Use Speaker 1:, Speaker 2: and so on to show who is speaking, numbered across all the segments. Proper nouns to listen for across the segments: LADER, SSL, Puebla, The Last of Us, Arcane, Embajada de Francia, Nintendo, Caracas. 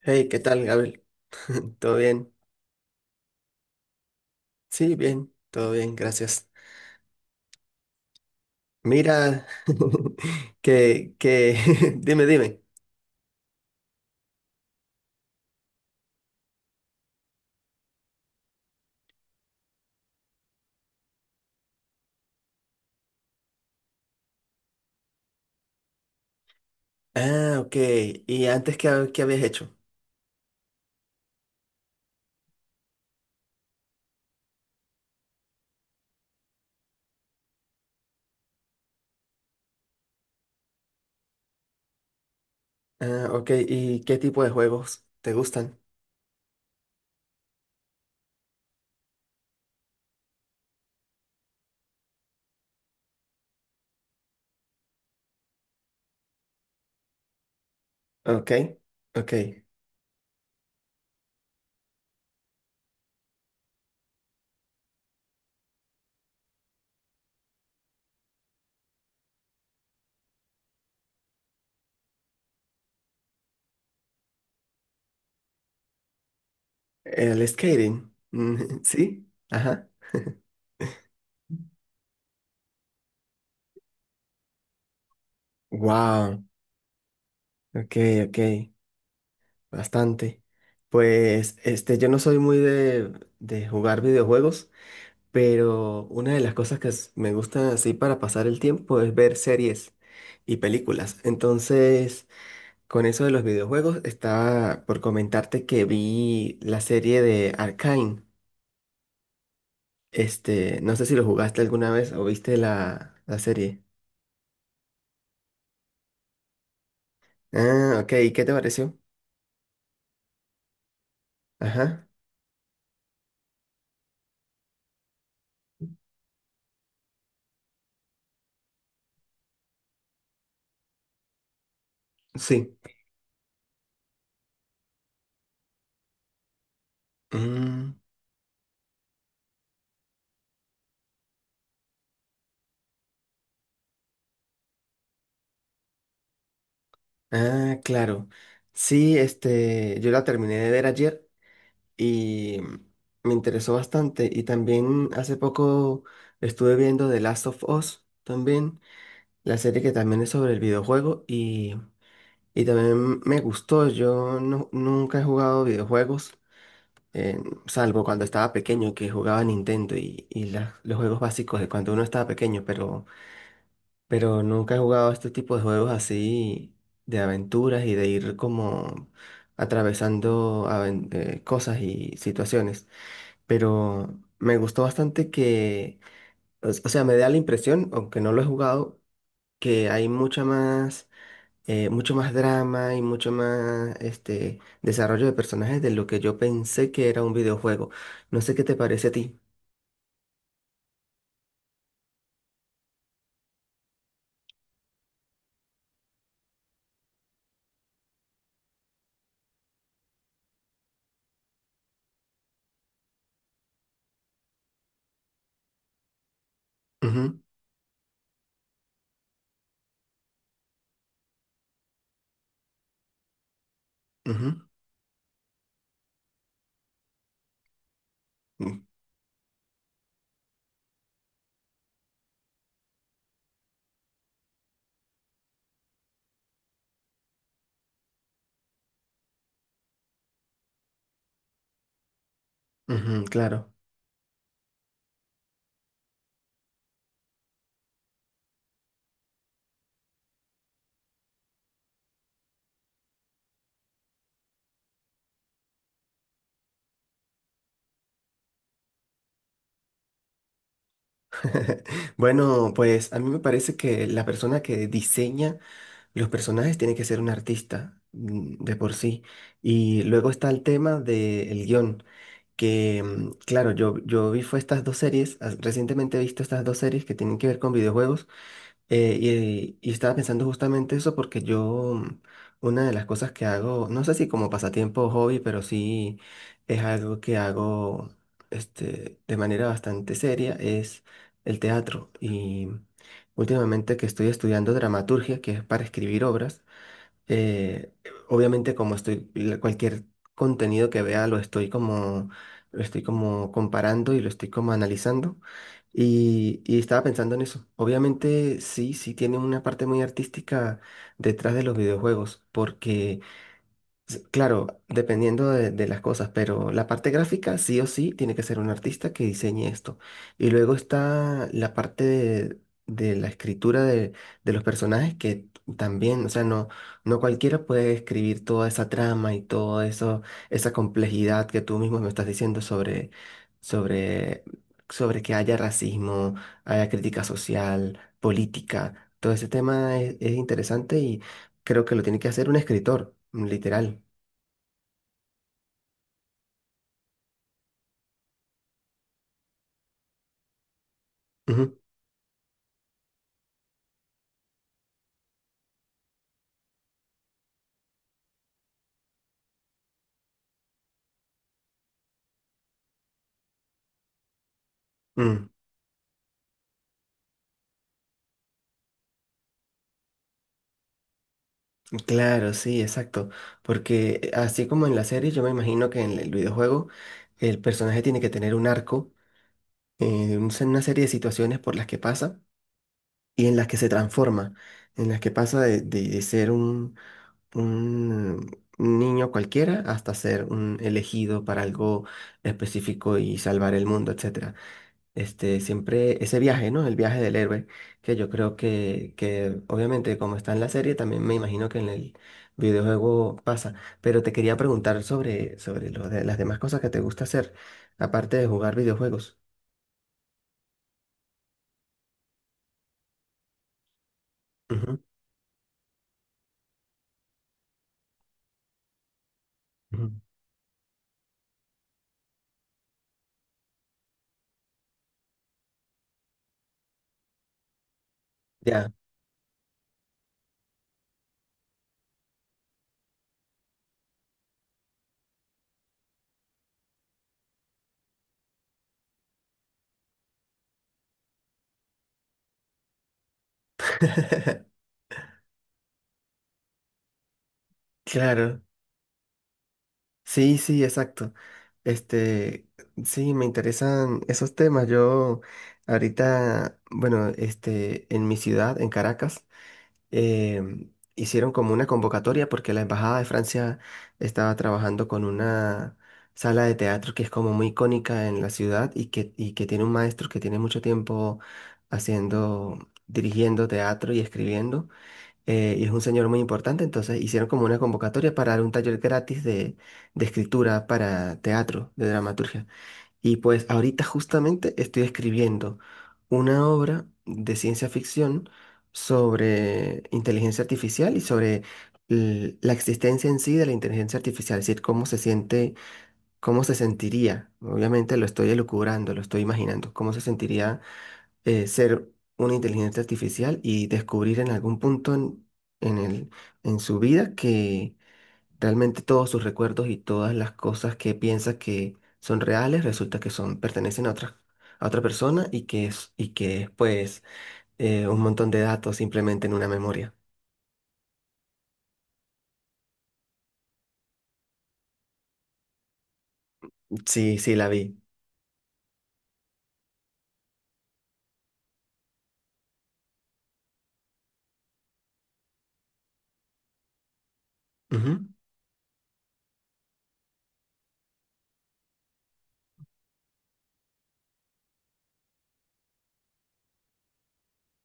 Speaker 1: Hey, ¿qué tal, Gabriel? ¿Todo bien? Sí, bien, todo bien, gracias. Mira, que, que, dime, dime. Ah, ok. ¿Y antes qué, qué habías hecho? Ah, ok. ¿Y qué tipo de juegos te gustan? Ok, ok. El skating. ¿Sí? Ajá. Wow. Ok, ok. Bastante. Pues, este, yo no soy muy de jugar videojuegos. Pero una de las cosas que me gusta así para pasar el tiempo es ver series y películas. Entonces, con eso de los videojuegos, estaba por comentarte que vi la serie de Arcane. Este, no sé si lo jugaste alguna vez o viste la serie. Ah, ok. ¿Y qué te pareció? Ajá. Sí. Mm, ah, claro. Sí, este, yo la terminé de ver ayer, y me interesó bastante. Y también hace poco estuve viendo The Last of Us, también, la serie que también es sobre el videojuego y también me gustó. Yo no- Nunca he jugado videojuegos, eh, salvo cuando estaba pequeño, que jugaba Nintendo y los juegos básicos de cuando uno estaba pequeño, pero nunca he jugado este tipo de juegos así de aventuras y de ir como atravesando cosas y situaciones, pero me gustó bastante o sea, me da la impresión, aunque no lo he jugado, que hay mucha más, mucho más drama y mucho más este, desarrollo de personajes de lo que yo pensé que era un videojuego. No sé qué te parece a ti. Ujú, ujú, mm, ujú, claro. Bueno, pues a mí me parece que la persona que diseña los personajes tienen que ser un artista, mm, de por sí. Y luego está el tema del guión, que mm, claro, yo vi fue estas dos series, recientemente he visto estas dos series que tienen que ver con videojuegos, eh, y estaba pensando justamente eso porque yo, mm, una de las cosas que hago, no sé si como pasatiempo o hobby, pero sí es algo que hago este, de manera bastante seria, es el teatro. Y últimamente que estoy estudiando dramaturgia, que es para escribir obras, eh, obviamente como estoy, cualquier contenido que vea lo estoy como comparando y lo estoy como analizando. Y estaba pensando en eso. Obviamente sí, sí tiene una parte muy artística detrás de los videojuegos, porque claro, dependiendo de las cosas, pero la parte gráfica sí o sí tiene que ser un artista que diseñe esto. Y luego está la parte de la escritura de los personajes que también, o sea, no cualquiera puede escribir toda esa trama y todo eso, esa complejidad que tú mismo me estás diciendo sobre, sobre que haya racismo, haya crítica social, política. Todo ese tema es interesante y creo que lo tiene que hacer un escritor, literal. Ujú, mm, claro, sí, exacto. Porque así como en la serie, yo me imagino que en el videojuego el personaje tiene que tener un arco, una serie de situaciones por las que pasa y en las que se transforma, en las que pasa de ser un niño cualquiera hasta ser un elegido para algo específico y salvar el mundo, etcétera, este, siempre ese viaje, ¿no? El viaje del héroe, que yo creo que obviamente como está en la serie, también me imagino que en el videojuego pasa. Pero te quería preguntar sobre lo de las demás cosas que te gusta hacer, aparte de jugar videojuegos. Ujú, ujú. Ya. Claro. Sí, sí, exacto. Este, sí, me interesan esos temas. Yo ahorita, bueno, este, en mi ciudad, en Caracas, eh, hicieron como una convocatoria porque la Embajada de Francia estaba trabajando con una sala de teatro que es como muy icónica en la ciudad y que tiene un maestro que tiene mucho tiempo haciendo, dirigiendo teatro y escribiendo. Eh, y es un señor muy importante, entonces hicieron como una convocatoria para dar un taller gratis de escritura para teatro, de dramaturgia. Y pues ahorita justamente estoy escribiendo una obra de ciencia ficción sobre inteligencia artificial y sobre la existencia en sí de la inteligencia artificial, es decir, cómo se siente, cómo se sentiría. Obviamente lo estoy elucubrando, lo estoy imaginando, cómo se sentiría, ser una inteligencia artificial y descubrir en algún punto en el, en su vida que realmente todos sus recuerdos y todas las cosas que piensa que son reales, resulta que son, pertenecen a otra persona y que es pues, un montón de datos simplemente en una memoria. Sí, sí, la vi. Ujú.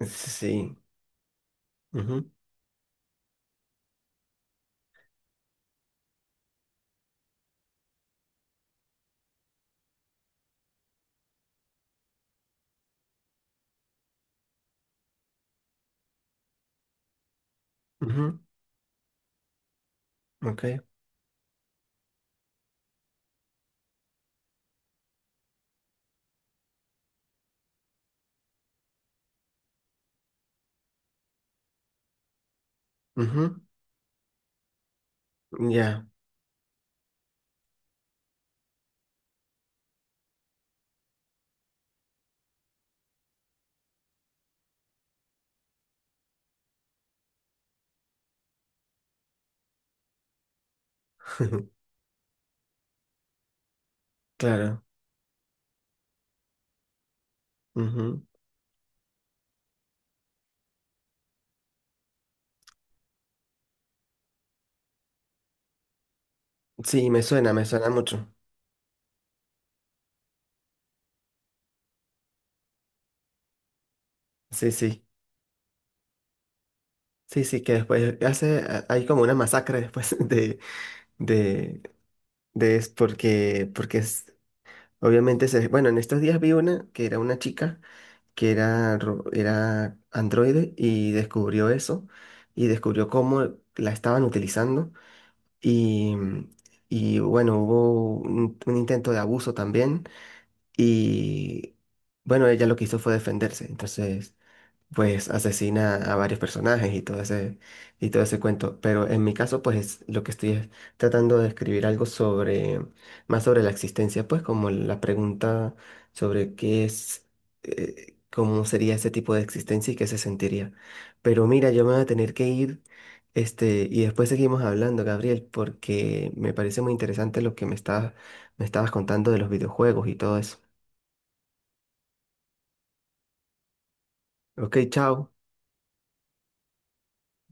Speaker 1: Sí. Ujú, ujú, ok. Ujú, ya. Claro. Ujú. Sí, me suena mucho. Sí, sí. Sí, sí, que después hace, hay como una masacre después de, de es porque, obviamente, bueno, en estos días vi una que era una chica que era, era androide y descubrió eso y descubrió cómo la estaban utilizando y, y bueno, hubo un intento de abuso también y bueno, ella lo que hizo fue defenderse. Entonces pues asesina a varios personajes y y todo ese cuento. Pero en mi caso, pues lo que estoy es tratando de escribir algo sobre, más sobre la existencia, pues como la pregunta sobre qué es, cómo sería ese tipo de existencia y qué se sentiría. Pero mira, yo me voy a tener que ir, este, y después seguimos hablando, Gabriel, porque me parece muy interesante lo que me estabas contando de los videojuegos y todo eso. Ok, chao.